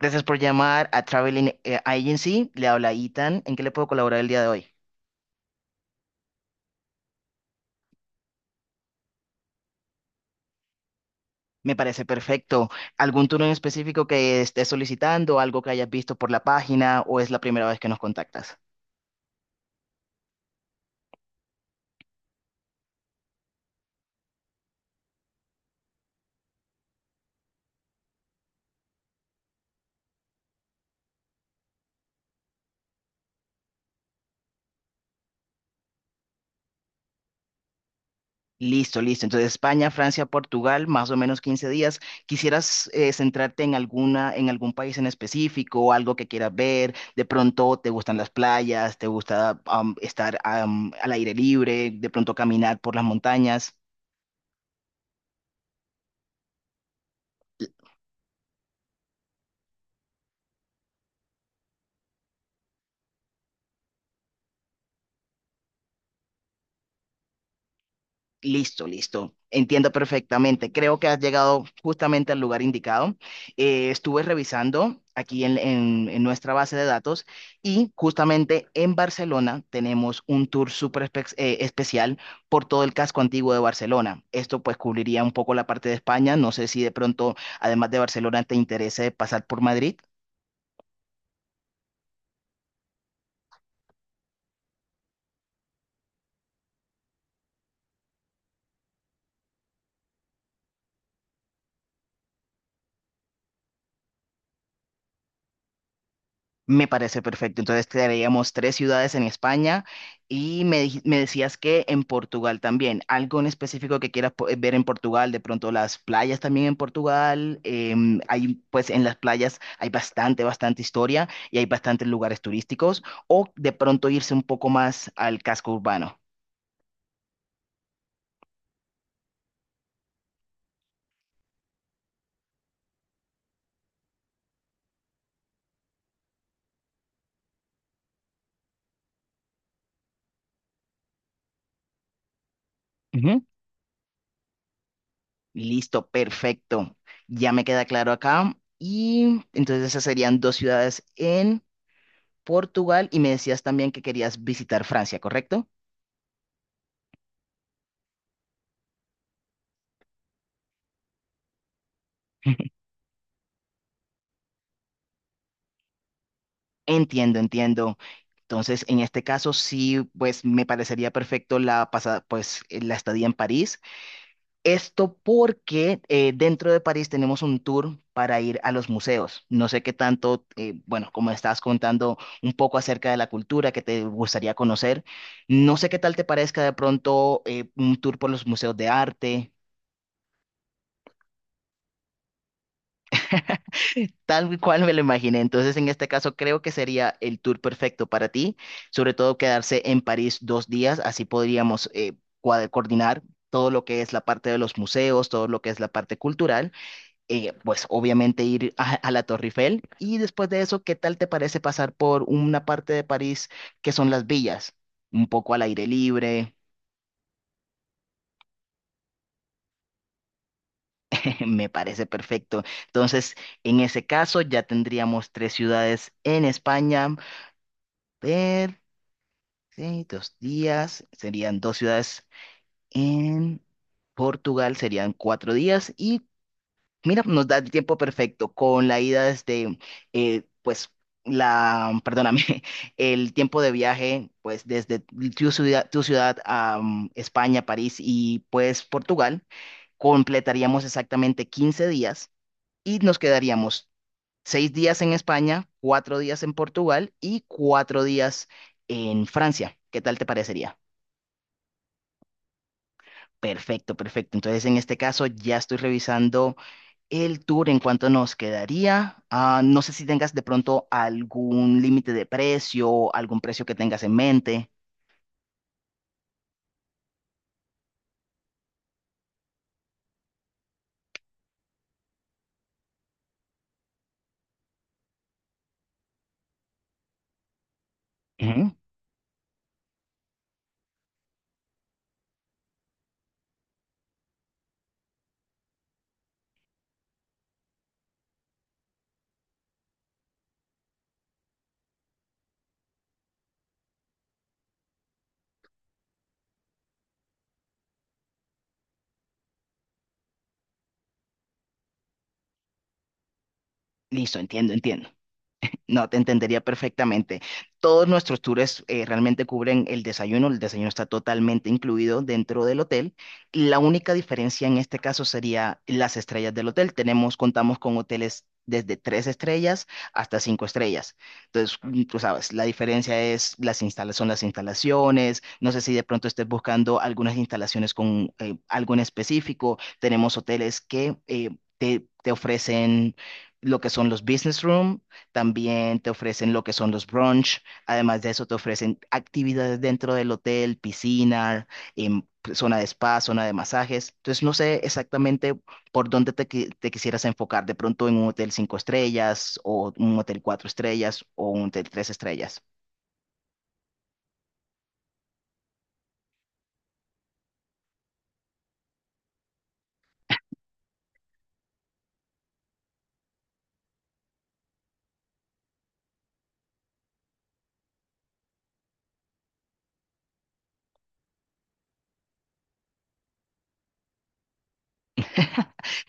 Gracias por llamar a Traveling Agency. Le habla Ethan. ¿En qué le puedo colaborar el día de hoy? Me parece perfecto. ¿Algún turno en específico que estés solicitando, algo que hayas visto por la página o es la primera vez que nos contactas? Listo, listo. Entonces, España, Francia, Portugal, más o menos 15 días. ¿Quisieras centrarte en alguna, en algún país en específico o algo que quieras ver? De pronto, ¿te gustan las playas? ¿Te gusta estar al aire libre? ¿De pronto caminar por las montañas? Listo, listo. Entiendo perfectamente. Creo que has llegado justamente al lugar indicado. Estuve revisando aquí en nuestra base de datos y justamente en Barcelona tenemos un tour súper especial por todo el casco antiguo de Barcelona. Esto pues cubriría un poco la parte de España. No sé si de pronto, además de Barcelona, te interese pasar por Madrid. Me parece perfecto. Entonces crearíamos tres ciudades en España y me decías que en Portugal también. ¿Algo en específico que quieras ver en Portugal? De pronto las playas también en Portugal. Hay, pues en las playas hay bastante, bastante historia y hay bastantes lugares turísticos. O de pronto irse un poco más al casco urbano. Ujú. Listo, perfecto. Ya me queda claro acá. Y entonces esas serían dos ciudades en Portugal y me decías también que querías visitar Francia, ¿correcto? Entiendo, entiendo. Entonces, en este caso sí, pues me parecería perfecto la pasada, pues la estadía en París. Esto porque dentro de París tenemos un tour para ir a los museos. No sé qué tanto, bueno, como estás contando un poco acerca de la cultura que te gustaría conocer, no sé qué tal te parezca de pronto un tour por los museos de arte. Tal cual me lo imaginé. Entonces, en este caso, creo que sería el tour perfecto para ti, sobre todo quedarse en París dos días, así podríamos coordinar todo lo que es la parte de los museos, todo lo que es la parte cultural, pues obviamente ir a la Torre Eiffel y después de eso, ¿qué tal te parece pasar por una parte de París que son las villas? Un poco al aire libre, me parece perfecto. Entonces, en ese caso, ya tendríamos tres ciudades en España. Ver, sí, dos días, serían dos ciudades en Portugal, serían cuatro días y mira, nos da el tiempo perfecto con la ida desde, pues, la, perdóname, el tiempo de viaje, pues, desde tu ciudad a España, París y pues Portugal, completaríamos exactamente 15 días y nos quedaríamos seis días en España, cuatro días en Portugal y cuatro días en Francia. ¿Qué tal te parecería? Perfecto, perfecto. Entonces, en este caso, ya estoy revisando el tour en cuanto nos quedaría. Ah, no sé si tengas de pronto algún límite de precio, algún precio que tengas en mente. Ujú. Listo, entiendo, entiendo. No, te entendería perfectamente. Todos nuestros tours realmente cubren el desayuno. El desayuno está totalmente incluido dentro del hotel. La única diferencia en este caso sería las estrellas del hotel. Tenemos, contamos con hoteles desde tres estrellas hasta cinco estrellas. Entonces, mm, tú sabes, la diferencia es son las instalaciones. No sé si de pronto estés buscando algunas instalaciones con algo en específico. Tenemos hoteles que te, te ofrecen lo que son los business room. También te ofrecen lo que son los brunch. Además de eso, te ofrecen actividades dentro del hotel, piscina, em, zona de spa, zona de masajes. Entonces, no sé exactamente por dónde te quisieras enfocar. De pronto en un hotel cinco estrellas o un hotel cuatro estrellas o un hotel tres estrellas.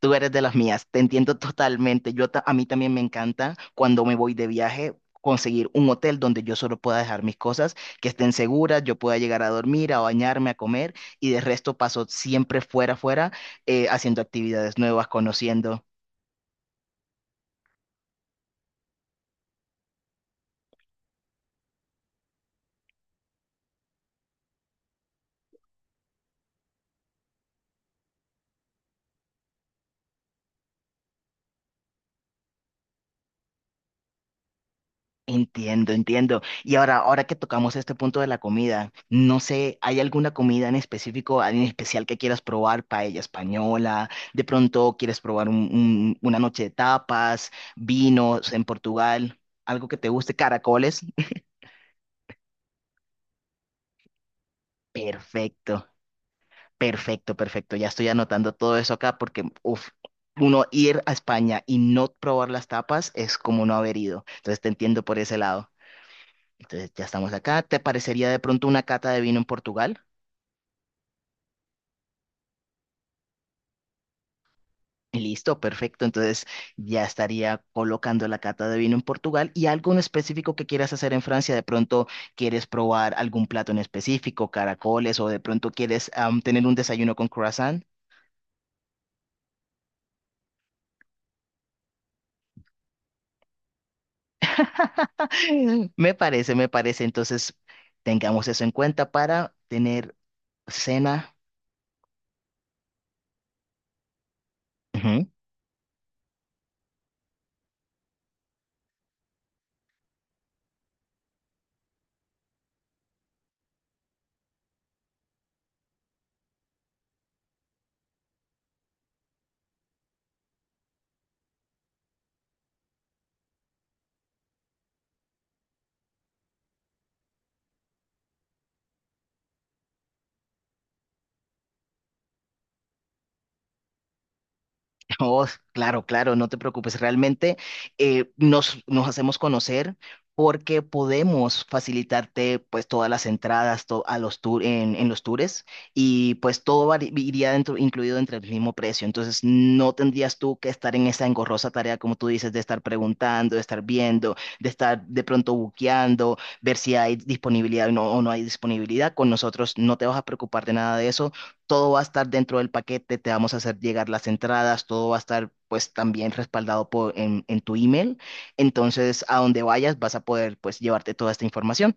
Tú eres de las mías, te entiendo totalmente. A mí también me encanta cuando me voy de viaje conseguir un hotel donde yo solo pueda dejar mis cosas, que estén seguras, yo pueda llegar a dormir, a bañarme, a comer y de resto paso siempre fuera, haciendo actividades nuevas, conociendo. Entiendo, entiendo. Y ahora que tocamos este punto de la comida, no sé, ¿hay alguna comida en específico, en especial que quieras probar? Paella española, de pronto quieres probar una noche de tapas, vinos en Portugal, algo que te guste, caracoles. Perfecto, perfecto, perfecto. Ya estoy anotando todo eso acá porque, uf, uno ir a España y no probar las tapas es como no haber ido. Entonces te entiendo por ese lado. Entonces ya estamos acá. ¿Te parecería de pronto una cata de vino en Portugal? Listo, perfecto. Entonces ya estaría colocando la cata de vino en Portugal y algo en específico que quieras hacer en Francia. De pronto quieres probar algún plato en específico, caracoles o de pronto quieres tener un desayuno con croissant. Me parece, me parece. Entonces tengamos eso en cuenta para tener cena. Oh, claro, claro, no te preocupes. Realmente nos, nos hacemos conocer porque podemos facilitarte pues todas las entradas a los tour, en los tours y pues iría dentro, incluido dentro del mismo precio. Entonces no tendrías tú que estar en esa engorrosa tarea, como tú dices, de estar preguntando, de estar viendo, de estar de pronto buqueando, ver si hay disponibilidad o no hay disponibilidad. Con nosotros no te vas a preocupar de nada de eso. Todo va a estar dentro del paquete, te vamos a hacer llegar las entradas, todo va a estar pues también respaldado por, en tu email. Entonces, a donde vayas vas a poder pues llevarte toda esta información.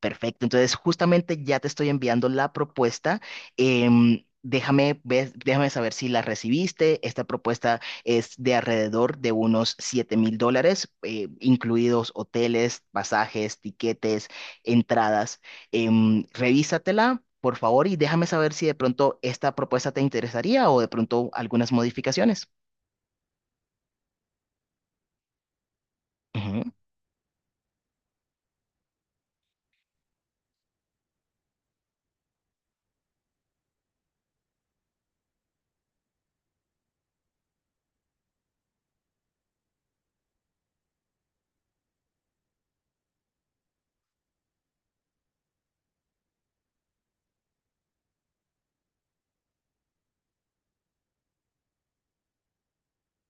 Perfecto, entonces justamente ya te estoy enviando la propuesta. Déjame saber si la recibiste. Esta propuesta es de alrededor de unos $7000, incluidos hoteles, pasajes, tiquetes, entradas. Revísatela, por favor, y déjame saber si de pronto esta propuesta te interesaría o de pronto algunas modificaciones. Ujú.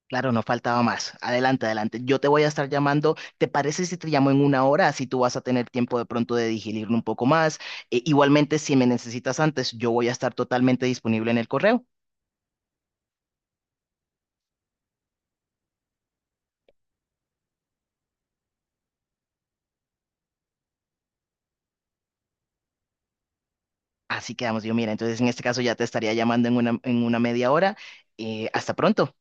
Claro, no faltaba más. Adelante, adelante. Yo te voy a estar llamando. ¿Te parece si te llamo en una hora? Así tú vas a tener tiempo de pronto de digerirlo un poco más. E- igualmente, si me necesitas antes, yo voy a estar totalmente disponible en el correo. Así quedamos, yo mira. Entonces, en este caso ya te estaría llamando en una media hora. Hasta pronto.